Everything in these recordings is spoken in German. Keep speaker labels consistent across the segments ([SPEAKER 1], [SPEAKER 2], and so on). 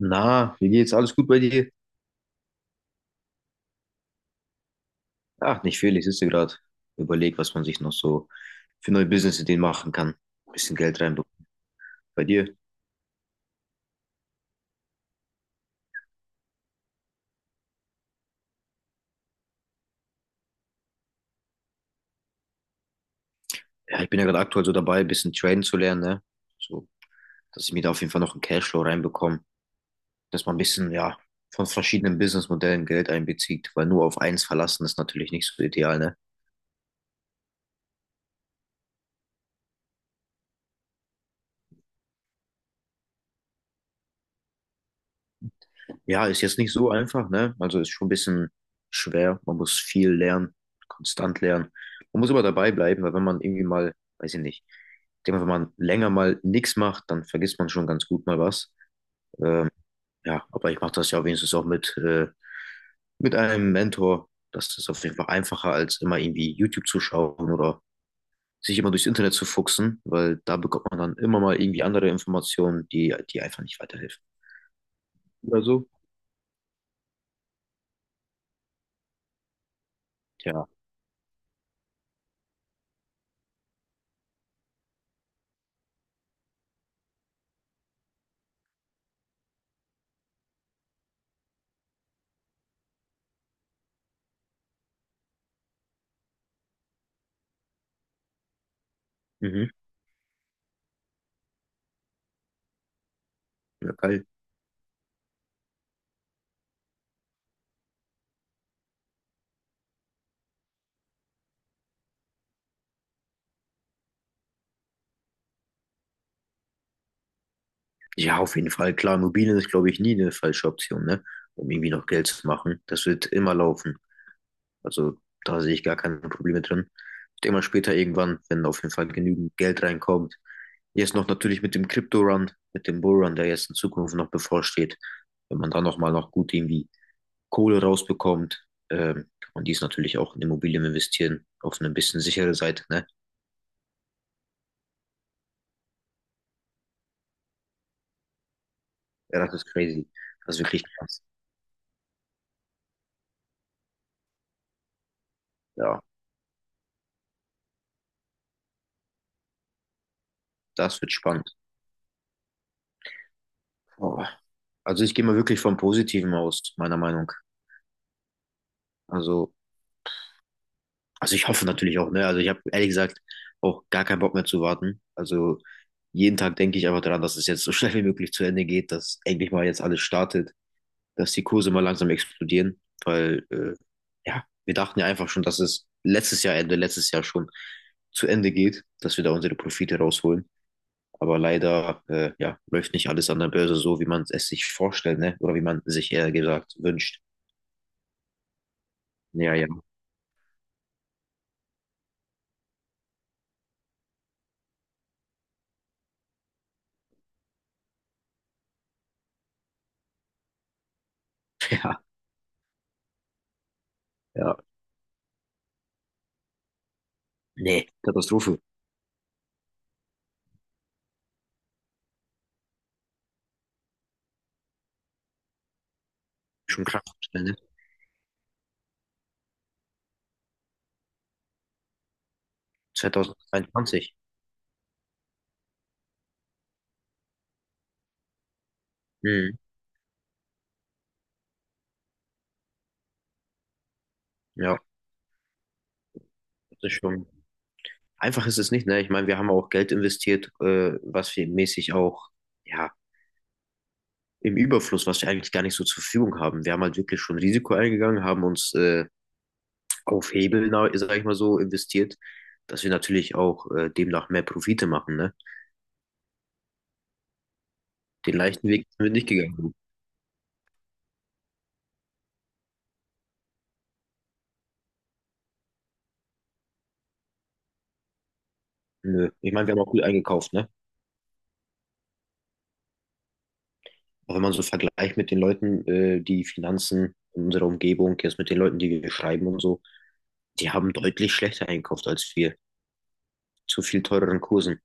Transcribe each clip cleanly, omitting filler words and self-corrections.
[SPEAKER 1] Na, wie geht's? Alles gut bei dir? Ach, nicht viel. Ich sitze gerade, überleg, was man sich noch so für neue Business-Ideen machen kann. Ein bisschen Geld reinbekommen. Bei dir? Ja, ich bin ja gerade aktuell so dabei, ein bisschen traden zu lernen, ne? So, dass ich mir da auf jeden Fall noch einen Cashflow reinbekomme, dass man ein bisschen, ja, von verschiedenen Businessmodellen Geld einbezieht, weil nur auf eins verlassen ist natürlich nicht so ideal, ne? Ja, ist jetzt nicht so einfach, ne? Also ist schon ein bisschen schwer. Man muss viel lernen, konstant lernen. Man muss aber dabei bleiben, weil wenn man irgendwie mal, weiß ich nicht, ich denke mal, wenn man länger mal nichts macht, dann vergisst man schon ganz gut mal was. Ähm, ja, aber ich mache das ja wenigstens auch mit einem Mentor. Das ist auf jeden Fall einfacher, als immer irgendwie YouTube zu schauen oder sich immer durchs Internet zu fuchsen, weil da bekommt man dann immer mal irgendwie andere Informationen, die einfach nicht weiterhelfen. Oder so. Ja. Mhm. Ja, geil. Ja, auf jeden Fall. Klar, Immobilien ist, glaube ich, nie eine falsche Option, ne? Um irgendwie noch Geld zu machen. Das wird immer laufen. Also da sehe ich gar keine Probleme drin. Ich denke mal später irgendwann, wenn auf jeden Fall genügend Geld reinkommt. Jetzt noch natürlich mit dem Crypto-Run, mit dem Bull-Run, der jetzt in Zukunft noch bevorsteht. Wenn man da nochmal noch gut irgendwie Kohle rausbekommt, kann man dies natürlich auch in Immobilien investieren, auf eine bisschen sichere Seite, ne? Ja, das ist crazy. Das ist wirklich krass. Ja, das wird spannend. Boah. Also ich gehe mal wirklich vom Positiven aus, meiner Meinung. Also, also ich hoffe natürlich auch, ne? Also ich habe ehrlich gesagt auch gar keinen Bock mehr zu warten. Also jeden Tag denke ich einfach daran, dass es jetzt so schnell wie möglich zu Ende geht, dass endlich mal jetzt alles startet, dass die Kurse mal langsam explodieren, weil ja, wir dachten ja einfach schon, dass es letztes Jahr schon zu Ende geht, dass wir da unsere Profite rausholen. Aber leider ja, läuft nicht alles an der Börse so, wie man es sich vorstellt, ne? Oder wie man sich eher gesagt wünscht. Ja, ja, ja, ja. Nee, Katastrophe. Schon krass, ne? 2022. Mhm. Ja, das ist schon. Einfach ist es nicht, ne? Ich meine, wir haben auch Geld investiert, was wir mäßig auch, ja, im Überfluss, was wir eigentlich gar nicht so zur Verfügung haben. Wir haben halt wirklich schon Risiko eingegangen, haben uns auf Hebel, sag ich mal so, investiert, dass wir natürlich auch demnach mehr Profite machen, ne? Den leichten Weg sind wir nicht gegangen. Nö. Ich meine, wir haben auch gut eingekauft, ne? Auch wenn man so vergleicht mit den Leuten, die Finanzen in unserer Umgebung, jetzt mit den Leuten, die wir schreiben und so, die haben deutlich schlechter einkauft als wir, zu viel teureren Kursen.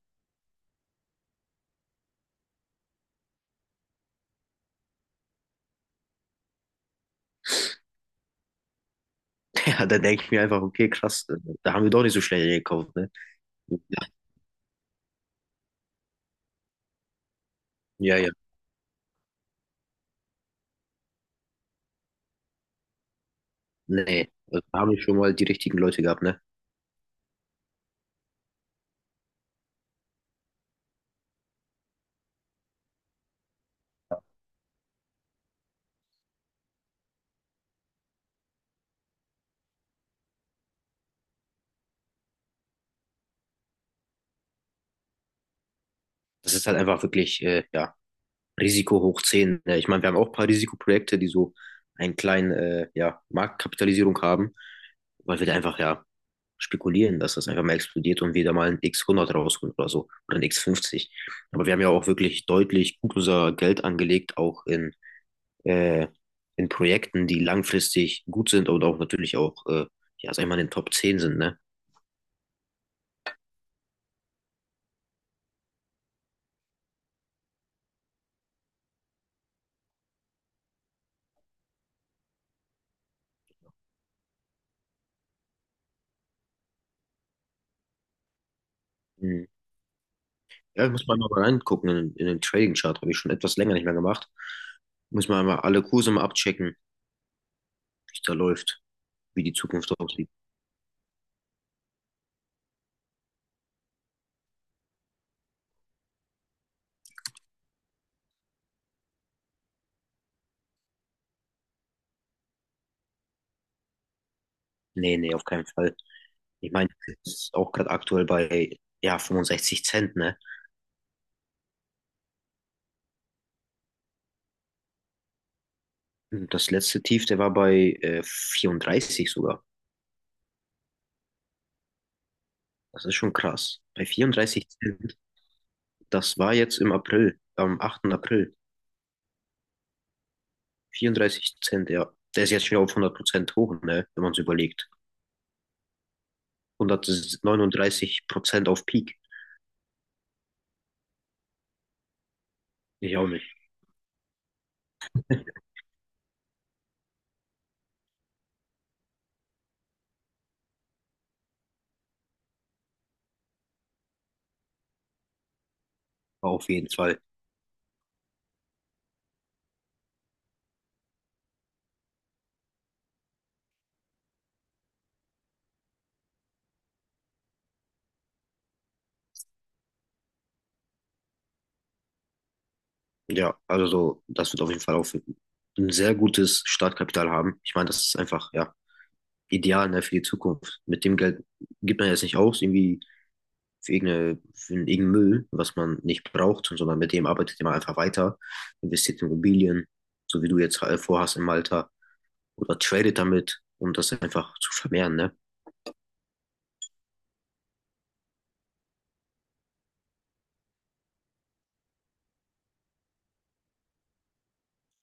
[SPEAKER 1] Ja, da denke ich mir einfach, okay, krass, da haben wir doch nicht so schnell gekauft, ne? Ja, ja, ja. Nee, also da haben wir schon mal die richtigen Leute gehabt, ne? Das ist halt einfach wirklich, ja, Risiko hoch 10. Ja, ich meine, wir haben auch ein paar Risikoprojekte, die so einen kleinen, ja, Marktkapitalisierung haben, weil wir da einfach, ja, spekulieren, dass das einfach mal explodiert und wir da mal ein X100 rausholen oder so oder ein X50. Aber wir haben ja auch wirklich deutlich gut unser Geld angelegt, auch äh, in Projekten, die langfristig gut sind und auch natürlich auch, ja, sag ich mal, in den Top 10 sind, ne? Mhm. Ja, muss man mal reingucken in den Trading Chart, habe ich schon etwas länger nicht mehr gemacht. Muss man mal alle Kurse mal abchecken, wie es da läuft, wie die Zukunft aussieht. Nee, nee, auf keinen Fall. Ich meine, es ist auch gerade aktuell bei ja, 65 Cent, ne? Das letzte Tief, der war bei 34 sogar. Das ist schon krass. Bei 34 Cent, das war jetzt im April, am 8. April. 34 Cent, ja. Der ist jetzt schon auf 100% hoch, ne? Wenn man es überlegt. 139% auf Peak. Ich auch nicht. Auf jeden Fall. Ja, also so, das wird auf jeden Fall auch ein sehr gutes Startkapital haben. Ich meine, das ist einfach, ja, ideal ne, für die Zukunft. Mit dem Geld gibt man jetzt nicht aus, irgendwie für irgendeinen Müll, was man nicht braucht, sondern mit dem arbeitet man einfach weiter, investiert in Immobilien, so wie du jetzt vorhast in Malta, oder tradet damit, um das einfach zu vermehren, ne?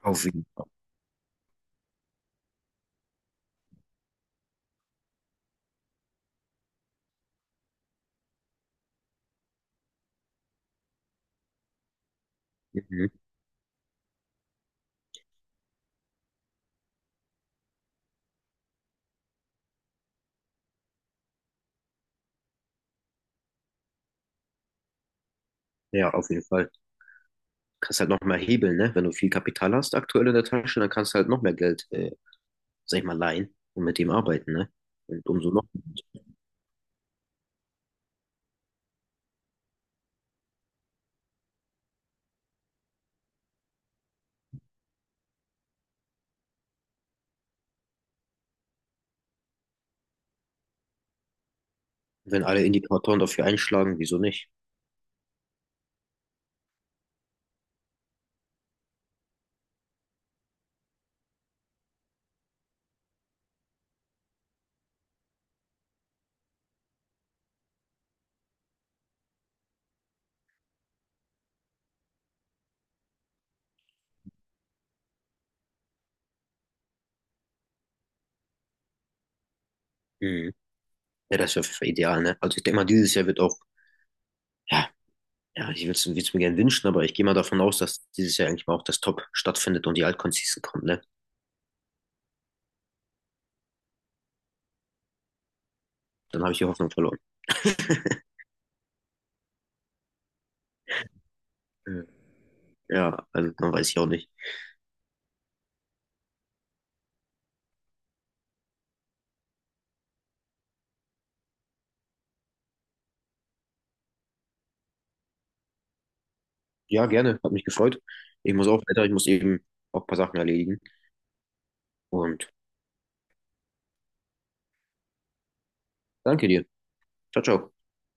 [SPEAKER 1] Auf jeden Fall. Mhm. Ja, auf jeden Fall. Kannst halt noch mehr hebeln, ne? Wenn du viel Kapital hast aktuell in der Tasche, dann kannst du halt noch mehr Geld, sag ich mal, leihen und mit dem arbeiten, ne? Und umso noch, wenn alle Indikatoren dafür einschlagen, wieso nicht? Mhm. Ja, das wäre ideal, ne? Also ich denke mal, dieses Jahr wird auch, ja, ja, ich will's, es mir gerne wünschen, aber ich gehe mal davon aus, dass dieses Jahr eigentlich mal auch das Top stattfindet und die Altcon-Season kommt, ne? Dann habe ich die Hoffnung verloren. Mhm. Ja, also dann weiß ich auch nicht. Ja, gerne, hat mich gefreut. Ich muss auch weiter, ich muss eben auch ein paar Sachen erledigen und danke dir. Ciao, ciao.